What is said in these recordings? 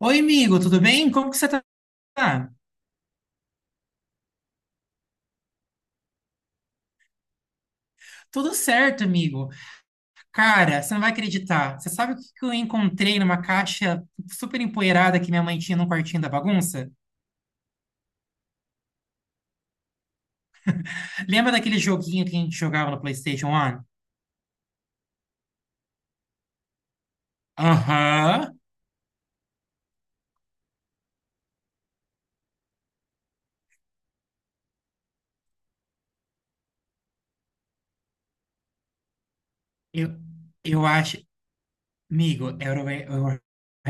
Oi, amigo, tudo bem? Como que você tá? Tudo certo, amigo. Cara, você não vai acreditar. Você sabe o que que eu encontrei numa caixa super empoeirada que minha mãe tinha no quartinho da bagunça? Lembra daquele joguinho que a gente jogava no PlayStation 1? Aham. Eu, eu acho, amigo, era o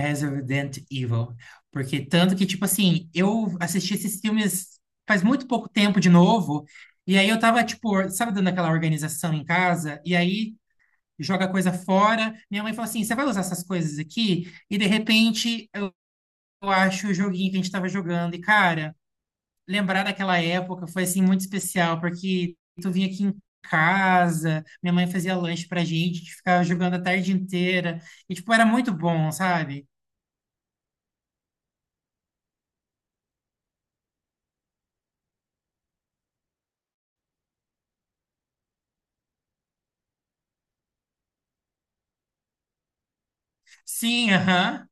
Resident Evil. Porque tanto que, tipo assim, eu assisti esses filmes faz muito pouco tempo de novo. E aí eu tava, tipo, sabe, dando aquela organização em casa? E aí joga coisa fora. Minha mãe falou assim: você vai usar essas coisas aqui? E de repente eu acho o joguinho que a gente estava jogando. E cara, lembrar daquela época foi assim muito especial, porque tu vinha aqui em casa, minha mãe fazia lanche pra gente, a gente ficava jogando a tarde inteira. E tipo, era muito bom, sabe? Sim, aham.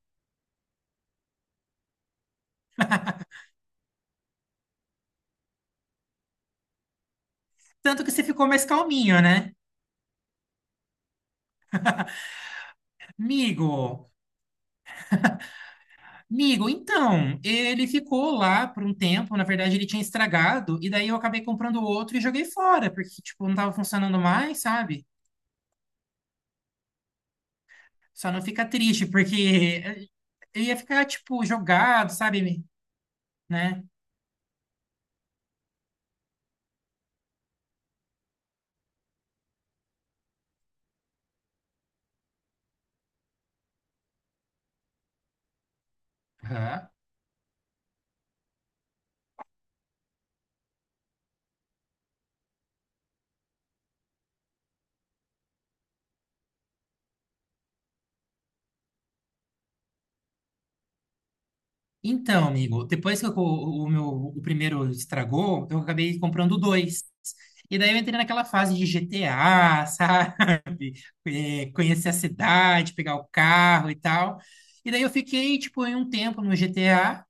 Tanto que você ficou mais calminho, né? Amigo, Amigo, então, ele ficou lá por um tempo, na verdade ele tinha estragado, e daí eu acabei comprando outro e joguei fora, porque, tipo, não tava funcionando mais, sabe? Só não fica triste, porque eu ia ficar, tipo, jogado, sabe? Né? Aham. Então, amigo, depois que o meu o primeiro estragou, então eu acabei comprando dois. E daí eu entrei naquela fase de GTA, sabe? É, conhecer a cidade, pegar o carro e tal. E daí eu fiquei, tipo, em um tempo no GTA,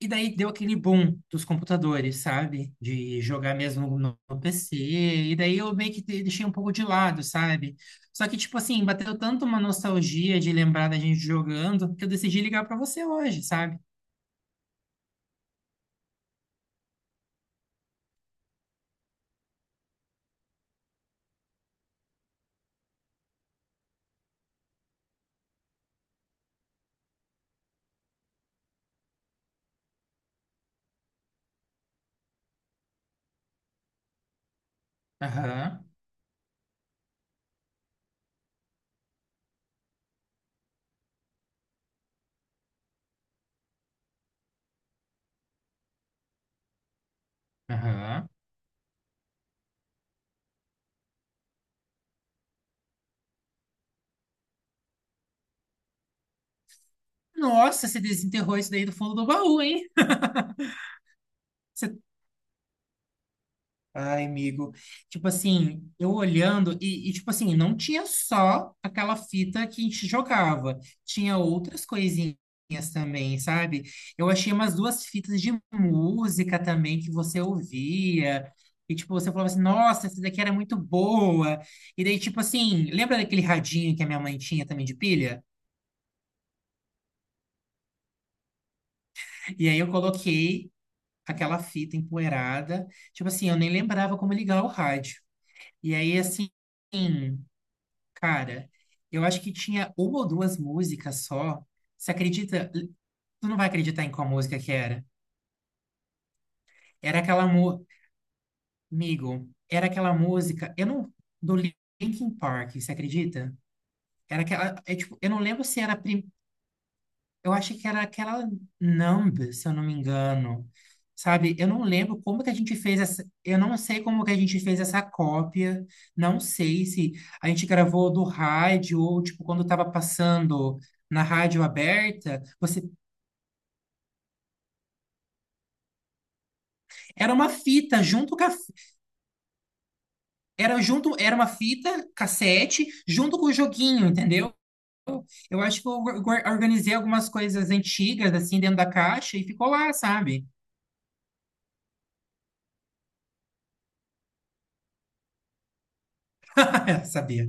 e daí deu aquele boom dos computadores, sabe? De jogar mesmo no PC. E daí eu meio que deixei um pouco de lado, sabe? Só que, tipo assim, bateu tanto uma nostalgia de lembrar da gente jogando que eu decidi ligar pra você hoje, sabe? Aham, aham. Nossa, você desenterrou isso daí do fundo do baú, hein? Você- Ai, amigo. Tipo assim, eu olhando, tipo assim, não tinha só aquela fita que a gente jogava, tinha outras coisinhas também, sabe? Eu achei umas duas fitas de música também que você ouvia. E, tipo, você falava assim, nossa, essa daqui era muito boa. E daí, tipo assim, lembra daquele radinho que a minha mãe tinha também de pilha? E aí eu coloquei aquela fita empoeirada. Tipo assim, eu nem lembrava como ligar o rádio. E aí, assim, cara, eu acho que tinha uma ou duas músicas só. Você acredita? Tu não vai acreditar em qual música que era. Era aquela mu... Amigo, era aquela música. Eu não. Do Linkin Park, você acredita? Era aquela. É, tipo, eu não lembro se eu acho que era aquela Numb, se eu não me engano. Sabe, eu não lembro como que a gente fez essa. Eu não sei como que a gente fez essa cópia. Não sei se a gente gravou do rádio ou, tipo, quando estava passando na rádio aberta. Você... Era uma fita junto com a... Era junto... Era uma fita cassete junto com o joguinho, entendeu? Eu acho que eu organizei algumas coisas antigas, assim, dentro da caixa e ficou lá, sabe? sabia.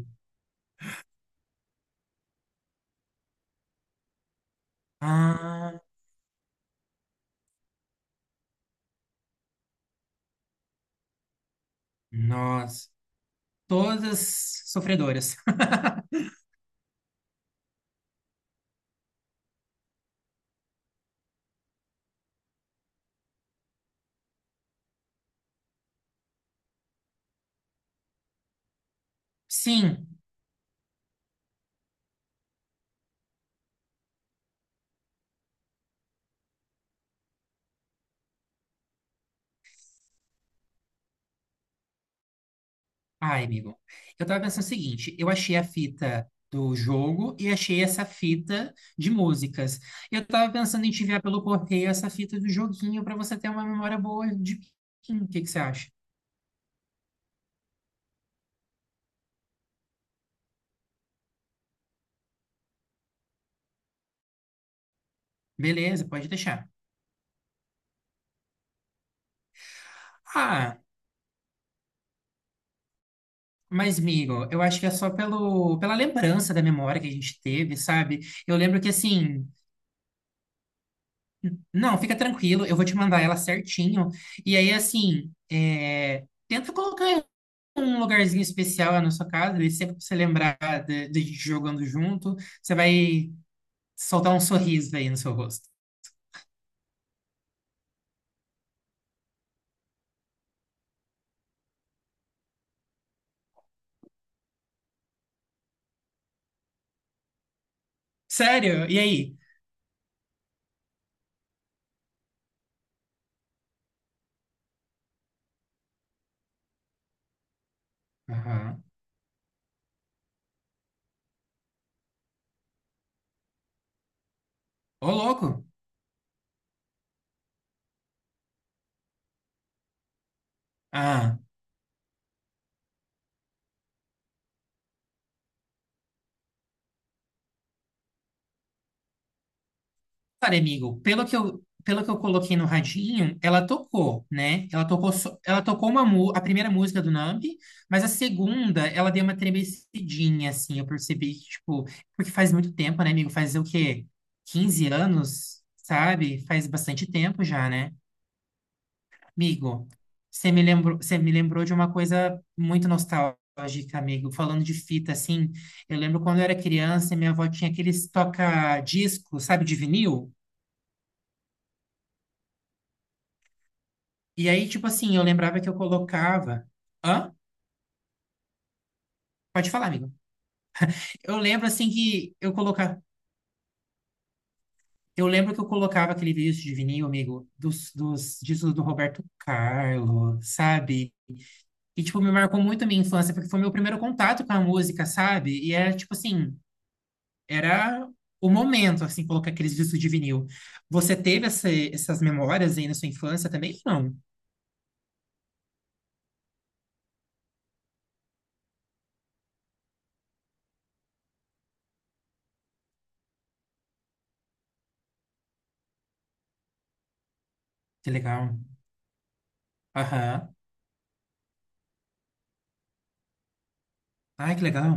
Ah, nossa. Todas sofredoras. Sim. Ai, amigo. Eu tava pensando o seguinte, eu achei a fita do jogo e achei essa fita de músicas. Eu tava pensando em te enviar pelo correio essa fita do joguinho pra você ter uma memória boa de mim. O que que você acha? Beleza, pode deixar. Ah, mas, amigo, eu acho que é só pela lembrança da memória que a gente teve, sabe? Eu lembro que assim, não, fica tranquilo, eu vou te mandar ela certinho. E aí, assim, é, tenta colocar um lugarzinho especial na sua casa, ele sempre pra você lembrar de gente jogando junto, você vai soltar um sorriso aí no seu rosto. Sério? E aí? Aham. Ô, louco. Ah, cara, amigo, pelo que eu coloquei no radinho, ela tocou, né? Ela tocou, só- ela tocou a primeira música do Numb, mas a segunda, ela deu uma tremecidinha, assim, eu percebi que, tipo, porque faz muito tempo, né, amigo? Faz o quê? 15 anos, sabe? Faz bastante tempo já, né? Amigo, você me lembrou de uma coisa muito nostálgica, amigo. Falando de fita, assim, eu lembro quando eu era criança, e minha avó tinha aqueles toca-disco, sabe, de vinil. E aí, tipo assim, eu lembrava que eu colocava. Hã? Pode falar, amigo. Eu lembro, assim, que eu colocava. Eu lembro que eu colocava aquele disco de vinil, amigo, dos discos do Roberto Carlos, sabe? E, tipo, me marcou muito a minha infância, porque foi meu primeiro contato com a música, sabe? E era, tipo assim. Era o momento, assim, colocar aqueles discos de vinil. Você teve essas memórias aí na sua infância também? Não. Que legal. Aham. Ai, que legal.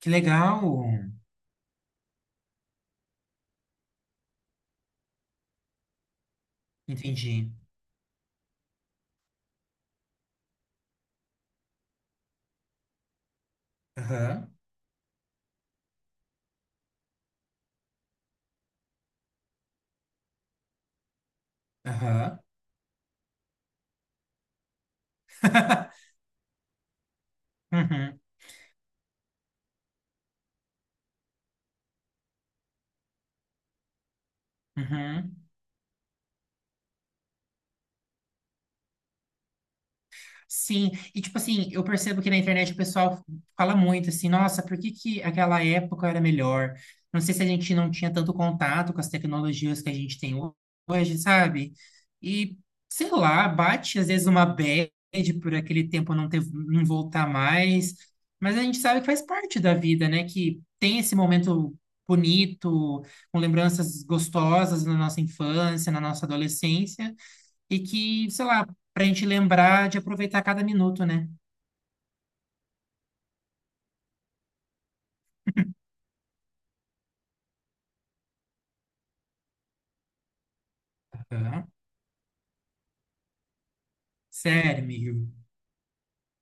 Que legal. Entendi. Aham. Aham. Uhum. Uhum. Sim, e tipo assim, eu percebo que na internet o pessoal fala muito assim, nossa, por que que aquela época era melhor? Não sei se a gente não tinha tanto contato com as tecnologias que a gente tem hoje, sabe? E sei lá, bate às vezes uma bad por aquele tempo não ter, não voltar mais, mas a gente sabe que faz parte da vida, né? Que tem esse momento bonito, com lembranças gostosas na nossa infância, na nossa adolescência. E que, sei lá, pra gente lembrar de aproveitar cada minuto, né? Aham. Sério, Miho.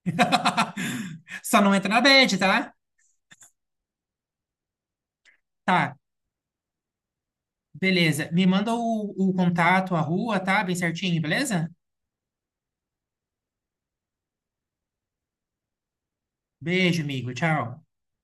Só não entra na bad, tá? Tá, beleza. Me manda o contato, a rua, tá? Bem certinho, beleza? Beijo, amigo. Tchau.